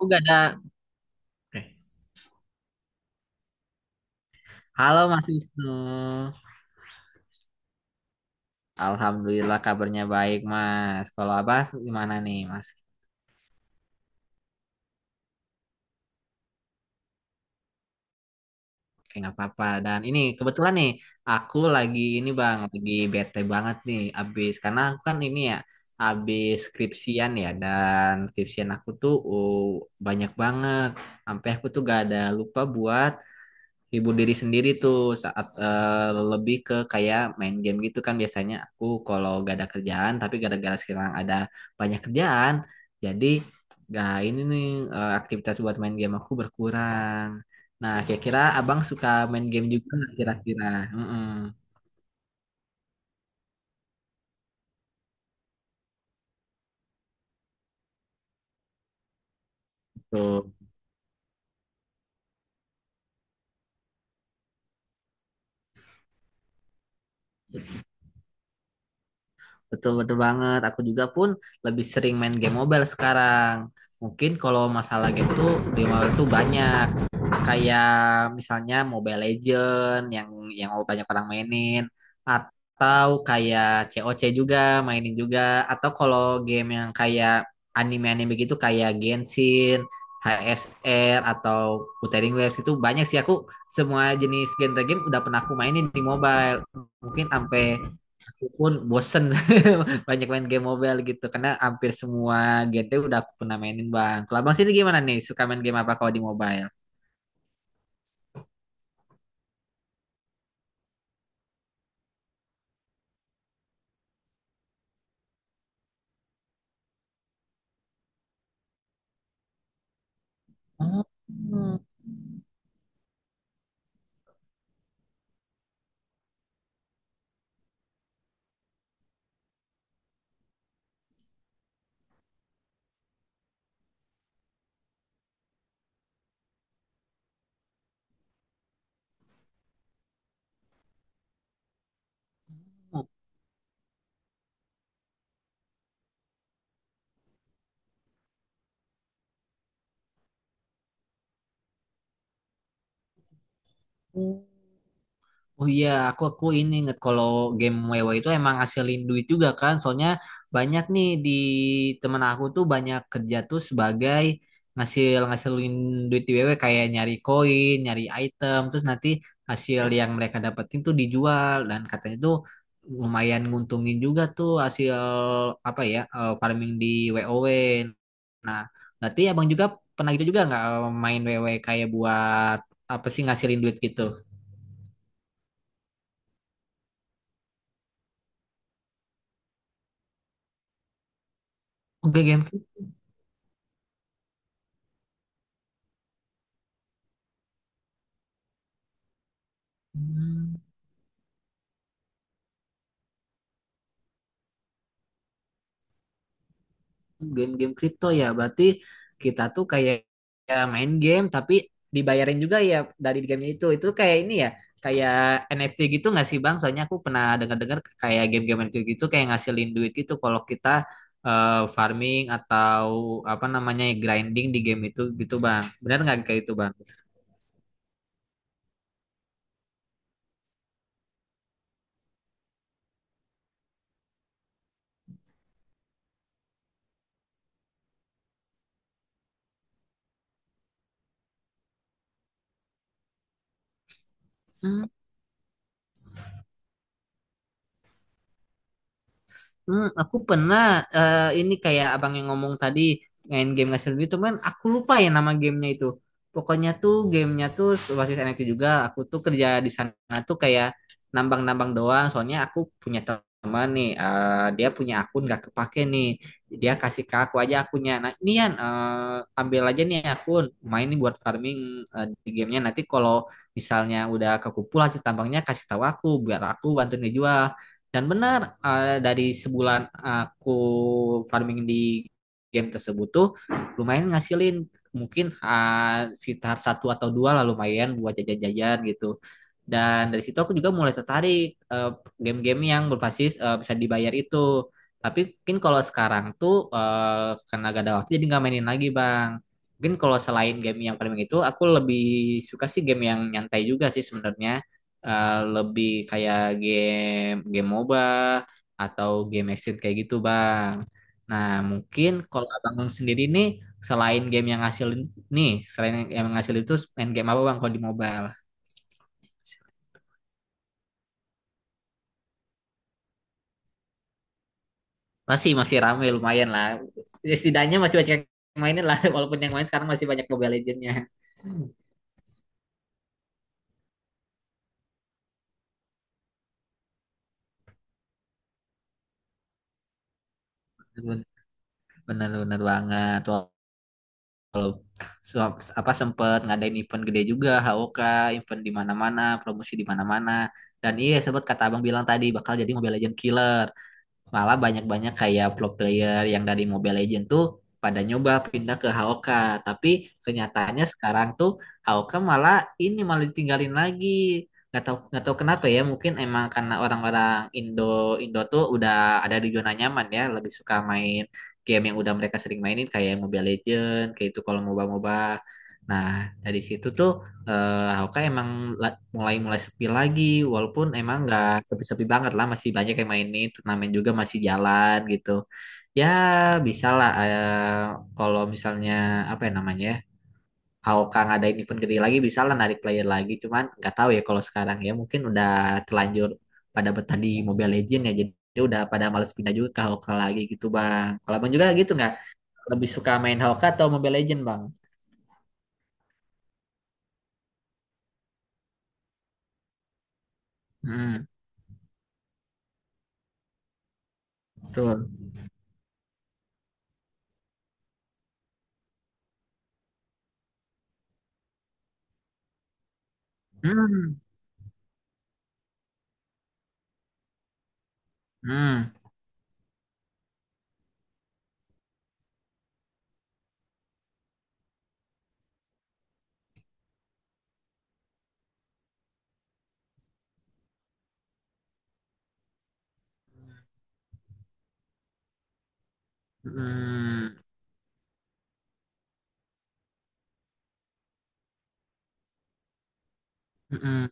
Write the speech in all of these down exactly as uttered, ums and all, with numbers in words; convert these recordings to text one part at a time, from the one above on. Oh, gak ada. Oke. Halo Mas Wisnu. Alhamdulillah kabarnya baik Mas. Kalau Abas gimana nih Mas? Kayak nggak apa-apa. Dan ini kebetulan nih aku lagi ini Bang, lagi bete banget nih abis karena aku kan ini ya abis skripsian ya dan skripsian aku tuh uh, banyak banget. Sampai aku tuh gak ada lupa buat hibur diri sendiri tuh saat eh, lebih ke kayak main game gitu kan, biasanya aku kalau gak ada kerjaan, tapi gara-gara sekarang ada banyak kerjaan jadi gak ini nih eh, aktivitas buat main game aku berkurang. Nah, kira-kira abang suka main game juga nggak kira-kira? Mm-mm, tuh. Betul betul banget. Aku juga pun lebih sering main game mobile sekarang. Mungkin kalau masalah game tuh di mobile tuh banyak. Kayak misalnya Mobile Legend yang yang banyak orang mainin, atau kayak C O C juga mainin juga, atau kalau game yang kayak anime-anime gitu kayak Genshin, H S R atau Wuthering Waves itu banyak sih, aku semua jenis genre game udah pernah aku mainin di mobile. Mungkin sampai pun bosen banyak main game mobile gitu karena hampir semua genre udah aku pernah mainin bang. Kalau abang sini gimana nih? Suka main game apa kalau di mobile? Oh, Oh iya, aku aku ini inget kalau game WoW itu emang ngasilin duit juga kan. Soalnya banyak nih di temen aku tuh banyak kerja tuh sebagai ngasil ngasilin duit di WoW kayak nyari koin, nyari item, terus nanti hasil yang mereka dapetin tuh dijual dan katanya tuh lumayan nguntungin juga tuh hasil apa ya eh, farming di WoW. Nah, berarti abang juga pernah gitu juga nggak eh, main WoW kayak buat apa sih ngasilin duit gitu? Oke, game. Hmm. Game-game kripto ya, berarti kita tuh kayak ya main game tapi dibayarin juga ya dari gamenya itu. Itu kayak ini ya, kayak N F T gitu nggak sih Bang? Soalnya aku pernah dengar-dengar kayak game-game N F T gitu kayak ngasilin duit gitu kalau kita eh, farming atau apa namanya grinding di game itu gitu Bang. Benar nggak kayak itu Bang? Hmm, aku pernah eh, ini kayak abang yang ngomong tadi, main game ngasih duit cuman aku lupa ya nama gamenya itu. Pokoknya tuh gamenya tuh basis N F T juga. Aku tuh kerja di sana tuh kayak nambang-nambang doang. Soalnya aku punya teman nih, eh, dia punya akun gak kepake nih. Dia kasih ke aku aja akunnya. Nah ini Yan, eh, ambil aja nih akun. Main nih buat farming eh, di gamenya. Nanti kalau misalnya udah kekumpul hasil tambangnya kasih tahu aku biar aku bantu ngejual. Dan benar, eh, dari sebulan aku farming di game tersebut tuh lumayan ngasilin, mungkin eh, sekitar satu atau dua lah, lumayan buat jajan-jajan gitu. Dan dari situ aku juga mulai tertarik eh, game-game yang berbasis eh, bisa dibayar itu. Tapi mungkin kalau sekarang tuh eh, karena gak ada waktu jadi nggak mainin lagi Bang. Mungkin kalau selain game yang farming itu aku lebih suka sih game yang nyantai juga sih sebenarnya, eh, lebih kayak game game MOBA atau game exit kayak gitu Bang. Nah, mungkin kalau Abang sendiri nih, selain game yang ngasilin nih, selain yang ngasilin itu main game apa Bang kalau di mobile? Masih masih ramai lumayan lah. Ya, setidaknya masih banyak yang mainin lah walaupun yang main sekarang masih banyak Mobile Legends-nya. Bener bener banget. Kalau se- apa sempet ngadain event gede juga hok, event di mana-mana, promosi di mana-mana, dan iya sempat kata abang bilang tadi bakal jadi Mobile Legend Killer, malah banyak-banyak kayak pro player yang dari Mobile Legends tuh pada nyoba pindah ke Haoka. Tapi kenyataannya sekarang tuh Haoka malah ini malah ditinggalin lagi, nggak tahu nggak tahu kenapa ya, mungkin emang karena orang-orang Indo Indo tuh udah ada di zona nyaman ya, lebih suka main game yang udah mereka sering mainin kayak Mobile Legends, kayak itu kalau MOBA MOBA. Nah, dari situ tuh eh Hoka emang la- mulai mulai sepi lagi, walaupun emang nggak sepi-sepi banget lah, masih banyak yang mainin, turnamen juga masih jalan gitu ya. Bisa lah eh, kalau misalnya apa ya namanya Hoka ngadain event gede lagi, bisa lah narik player lagi, cuman nggak tahu ya kalau sekarang, ya mungkin udah terlanjur pada betah di Mobile Legend ya, jadi udah pada males pindah juga ke Hoka lagi gitu bang. Kalau abang juga gitu nggak, lebih suka main Hoka atau Mobile Legend bang? Hmm, betul. Hmm, hmm. Hmm, hmm.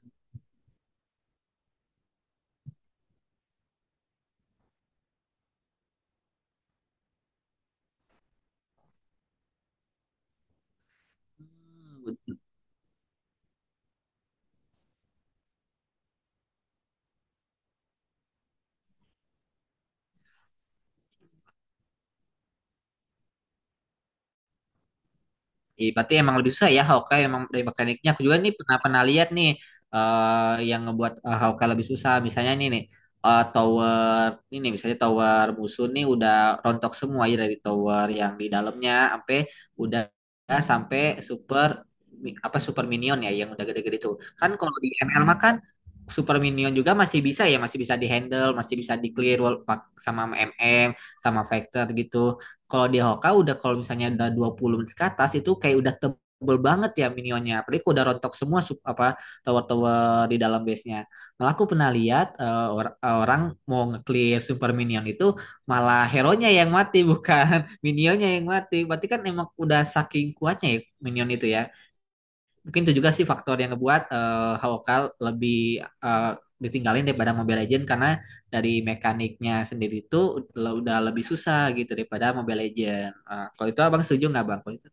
Iya, berarti emang lebih susah ya Hawkeye emang dari mekaniknya. Aku juga nih pernah pernah lihat nih eh, yang ngebuat eh, Hawkeye lebih susah. Misalnya nih nih eh, tower ini nih, misalnya tower musuh nih udah rontok semua ya, dari tower yang di dalamnya sampai udah sampai super mi- apa super minion ya yang udah gede-gede tuh. Kan kalau di M L mah kan super minion juga masih bisa ya, masih bisa dihandle, masih bisa di clear, wall- pak- sama M M sama Factor gitu. Kalau di Hoka udah kalau misalnya udah dua puluh menit ke atas itu kayak udah tebel banget ya minionnya. Apalagi udah rontok semua sup, apa tower-tower di dalam base-nya. Malah aku pernah lihat eh, or- eh, orang mau nge-clear super minion itu malah hero-nya yang mati, bukan minionnya yang mati. Berarti kan emang udah saking kuatnya ya minion itu ya, mungkin itu juga sih faktor yang ngebuat eh Hawkal lebih eh, ditinggalin daripada Mobile Legends, karena dari mekaniknya sendiri itu udah, udah lebih susah gitu daripada Mobile Legends. Eh, kalau itu abang setuju nggak bang? Kalau itu?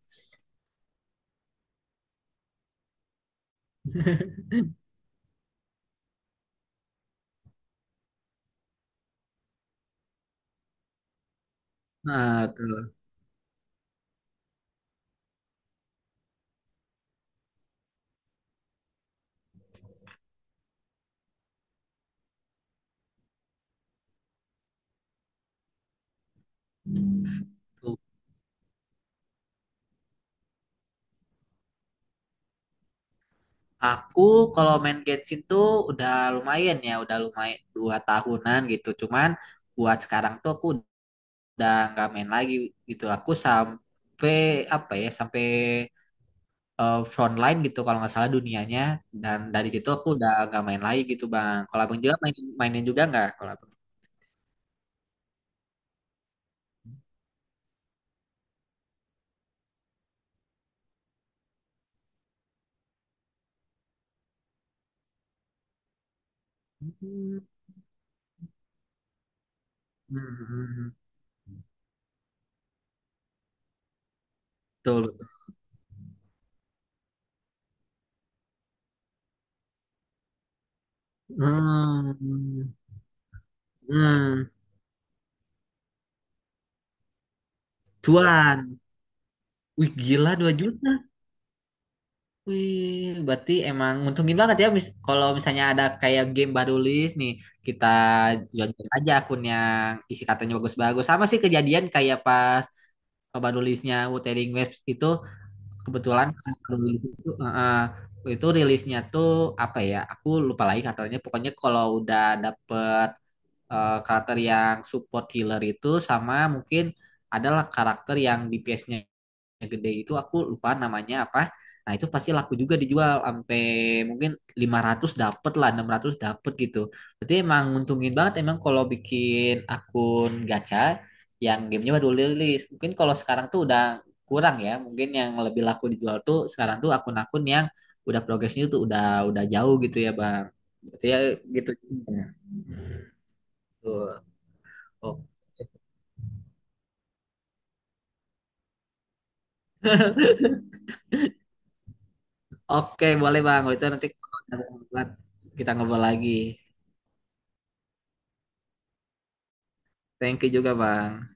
Nah, tuh, tuh. Aku kalau main Genshin tuh udah lumayan ya, udah lumayan dua tahunan gitu. Cuman buat sekarang tuh aku udah nggak main lagi gitu. Aku sampai apa ya, sampai eh, frontline gitu kalau nggak salah dunianya, dan dari situ aku udah nggak main lagi gitu bang. Kalau abang juga main mainin juga nggak kalau abang? Hmm, hmm, betul betul. Hmm, hmm. Cuan. Wih, gila, dua juta. Wih, berarti emang nguntungin banget ya, mis kalau misalnya ada kayak game baru list nih, kita jual-jual aja akun yang isi katanya bagus-bagus. Sama sih kejadian kayak pas baru listnya Wuthering Waves itu. Kebetulan kalau rilis itu eh, eh, itu rilisnya tuh apa ya? Aku lupa lagi katanya. Pokoknya kalau udah dapet eh, karakter yang support healer itu, sama mungkin adalah karakter yang D P S-nya yang gede itu, aku lupa namanya apa. Nah, itu pasti laku juga dijual sampai mungkin lima ratus dapet lah, enam ratus dapet gitu. Berarti emang nguntungin banget emang kalau bikin akun gacha yang gamenya baru rilis. Mungkin kalau sekarang tuh udah kurang ya. Mungkin yang lebih laku dijual tuh sekarang tuh akun-akun yang udah progresnya tuh udah udah jauh gitu ya, Bang. Berarti ya gitu. Ya. Tuh. O- Oke, boleh Bang. Kalau itu nanti kalau ada waktu kita ngobrol lagi. Thank you juga, Bang.